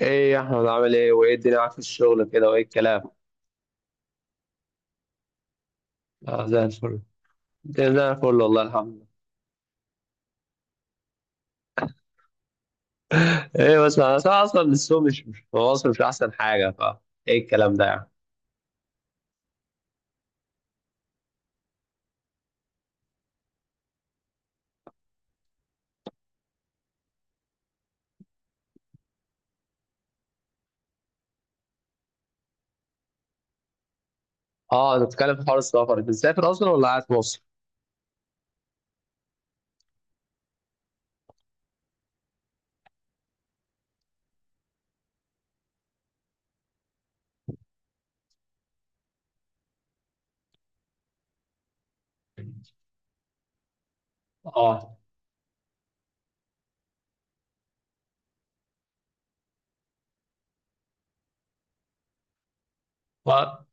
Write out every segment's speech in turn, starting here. ايه يا احمد، عامل ايه وايه الدنيا معاك في الشغل كده وايه الكلام؟ اه، زي الفل. الدنيا زي الفل، والله الحمد لله. ايه بس انا اصلا السوق مش في مصر، مش احسن حاجه، فا ايه الكلام ده يعني؟ اه، نتكلم في حوار السفر. انت مسافر اصلا ولا قاعد في مصر؟ اه، و-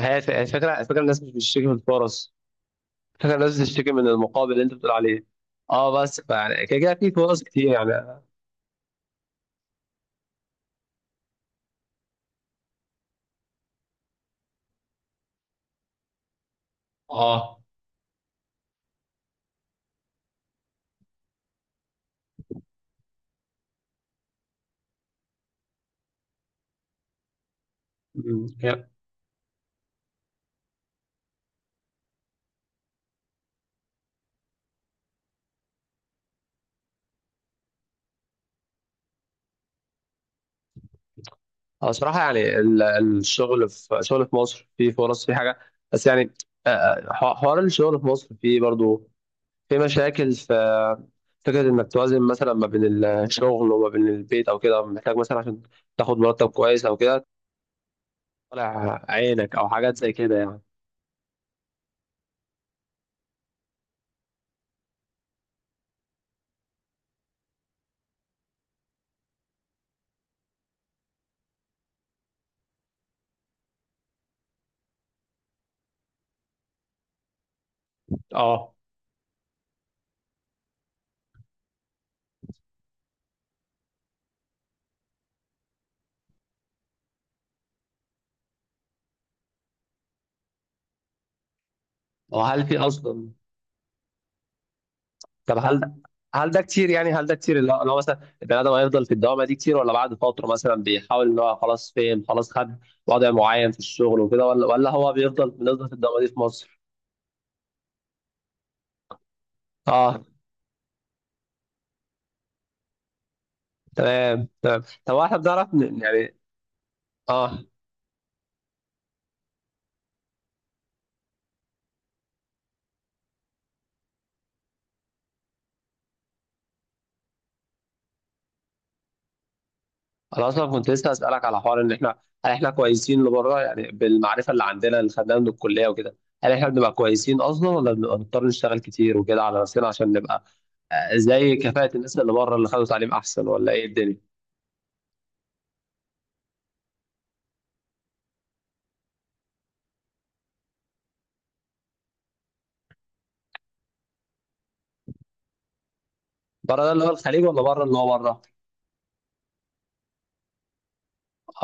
هي الفكره، الناس مش بتشتكي من الفرص، الفكره الناس بتشتكي من المقابل اللي انت بتقول عليه. اه بس يعني كده كده في فرص كتير يعني. اه. اه صراحة يعني ال- الشغل في شغل في مصر فيه فرص، فيه حاجة. بس يعني حوار الشغل في مصر فيه برضو في مشاكل، في فكرة إنك توازن مثلا ما بين الشغل وما بين البيت أو كده، محتاج مثلا عشان تاخد مرتب كويس أو كده طالع عينك أو حاجات زي كده يعني. اه. وهل في أصلا؟ طب، هل ده كتير، اللي هو مثلا البني ادم هيفضل في الدوامه دي كتير، ولا بعد فتره مثلا بيحاول ان هو خلاص فهم، خلاص خد وضع معين في الشغل وكده، ولا هو بيفضل بنفضل في الدوامه دي في مصر؟ اه. تمام، تمام. طب هو احنا بنعرف يعني. اه. انا اصلا كنت لسه اسالك على حوار ان احنا، هل احنا كويسين لبره يعني بالمعرفه اللي عندنا اللي خدناها من الكليه وكده؟ هل احنا بنبقى كويسين اصلا ولا بنبقى نضطر نشتغل كتير وكده على نفسنا عشان نبقى زي كفاءه الناس اللي بره اللي خدوا تعليم احسن، ولا ايه الدنيا؟ بره ده اللي هو الخليج، ولا بره اللي هو بره؟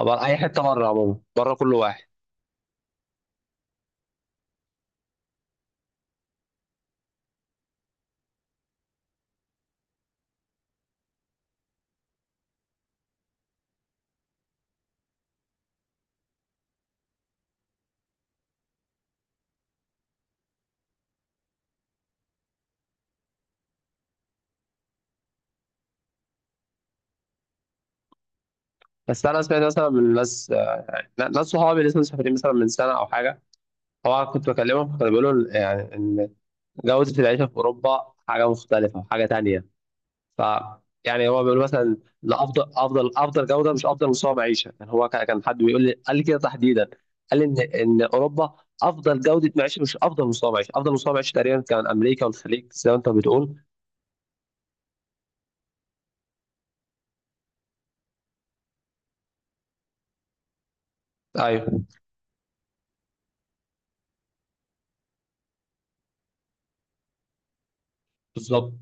بره اي حته، بره عموما، بره كل واحد. بس انا سمعت مثلا من ناس صحابي اللي لسه مسافرين مثلا من سنه او حاجه، هو كنت بكلمهم كانوا بيقولوا يعني ان جوده العيشه في اوروبا حاجه مختلفه، حاجه تانية. ف يعني هو بيقول مثلا، لا، افضل، افضل جوده مش افضل مستوى معيشه. يعني هو كان حد بيقول لي، قال لي كده تحديدا، قال لي ان اوروبا افضل جوده معيشه مش افضل مستوى معيشه. افضل مستوى معيشه تقريبا كان امريكا والخليج زي ما انت بتقول. ايوه، بالظبط.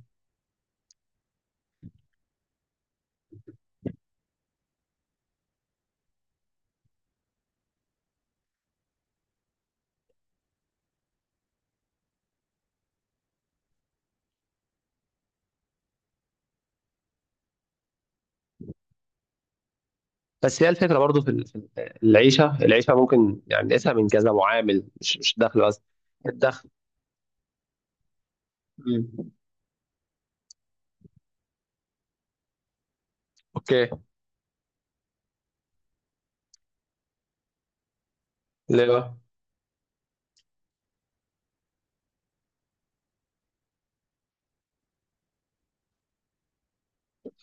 بس هي الفكره برضو في العيشه ممكن يعني نقيسها من كذا معامل، مش الدخل بس. الدخل. مم. اوكي. ليه بقى؟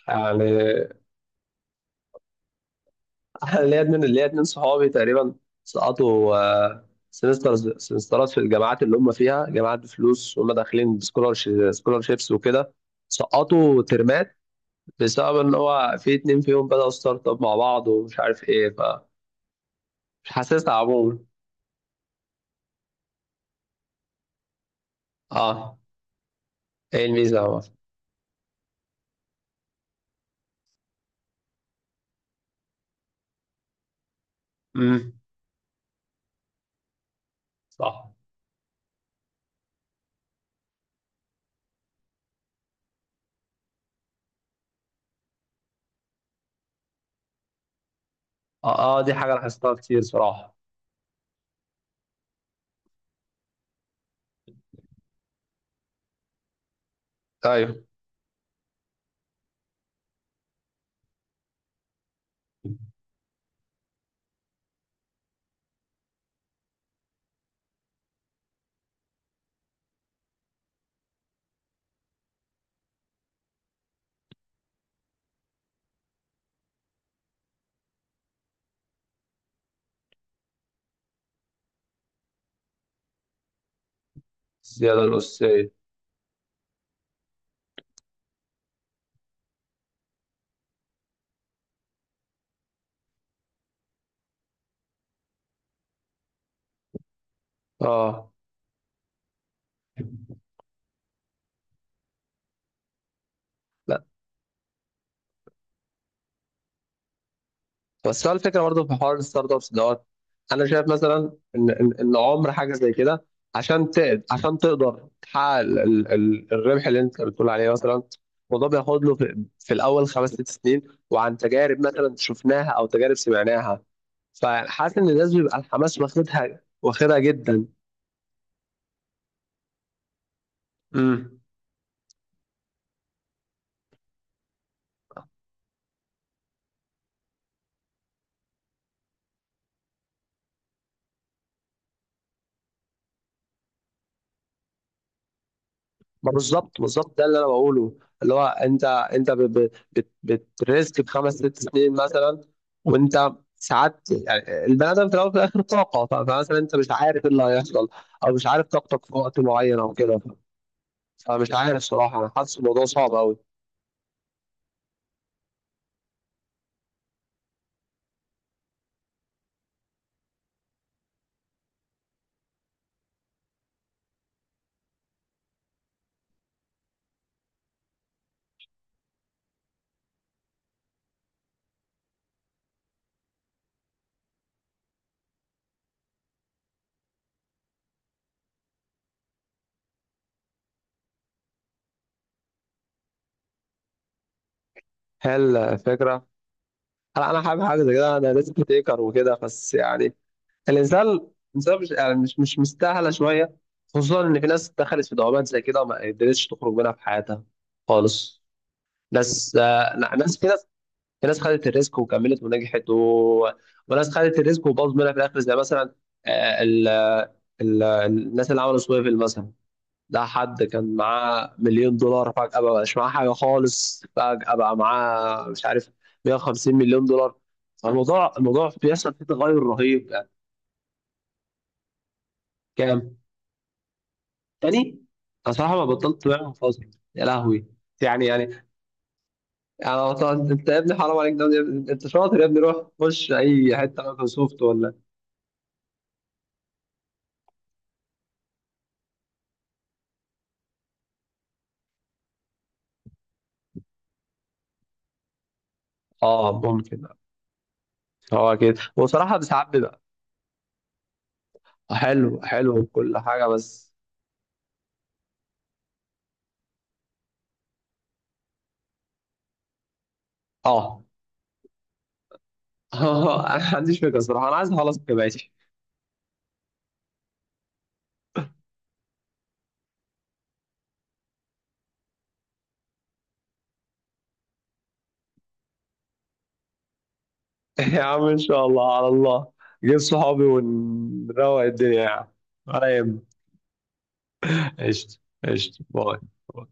يعني أنا ليا اتنين صحابي تقريبا، سقطوا سمسترات في الجامعات اللي هم فيها، جامعات بفلوس وهم داخلين سكولارشيبس وكده، سقطوا ترمات بسبب ان هو في اتنين فيهم بدأوا ستارت اب مع بعض ومش عارف ايه، فمش حاسسها عموما. اه، ايه الميزه يا عمر؟ امم. صح. اه، دي حاجة لاحظتها كتير صراحة. ايوه. الزيادة الأساسية. اه. لا بس هو الفكرة برضه في حوار الستارت ابس دوت أنا شايف مثلا إن إن عمر حاجة زي كده، عشان تقدر تحقق الربح اللي أنت بتقول عليه مثلا. الموضوع بياخد له في الأول خمس ست سنين، وعن تجارب مثلا شفناها أو تجارب سمعناها، فحاسس إن الناس بيبقى الحماس واخدها، واخدها جدا. امم. ما بالظبط ده اللي انا بقوله اللي هو انت، بتريسك بخمس ست سنين مثلا. وانت ساعات يعني البني ادم في الاول وفي الاخر طاقه، فمثلا انت مش عارف ايه اللي هيحصل او مش عارف طاقتك في وقت معين او كده، فمش عارف صراحه انا حاسس الموضوع صعب قوي. هي الفكره، هل انا حابب حاجه زي كده؟ انا ريسك تيكر وكده، بس يعني الانسان الانسان مش يعني مش مستاهله شويه، خصوصا ان في ناس دخلت في دوامات زي كده وما قدرتش تخرج منها في حياتها خالص. ناس لا، ناس، في ناس خدت الريسك وكملت ونجحت و... وناس خدت الريسك وباظت منها في الاخر، زي مثلا آه، ال... الناس اللي عملوا سويفل مثلا. ده حد كان معاه مليون دولار فجأة بقى مش معاه حاجة خالص، فجأة بقى معاه مش عارف 150 مليون دولار. الموضوع بيحصل فيه تغير رهيب يعني. كام؟ تاني؟ أنا صراحة ما بطلت بيع من فترة. يا لهوي. يعني يعني يعني أصلاً انت يا ابني حرام عليك ده يا- انت شاطر يا ابني، روح خش اي حته مايكروسوفت ولا. اه، ممكن. هو كده، وصراحه ساعات بيبقى حلو. حلو وكل حاجه بس. اه انا ما عنديش فكره صراحه، انا عايز اخلص جامعتي. يا عم ان شاء الله على الله، جيب صحابي ونروق الدنيا يعني، على يهمك. قشطه. قشطه، باي.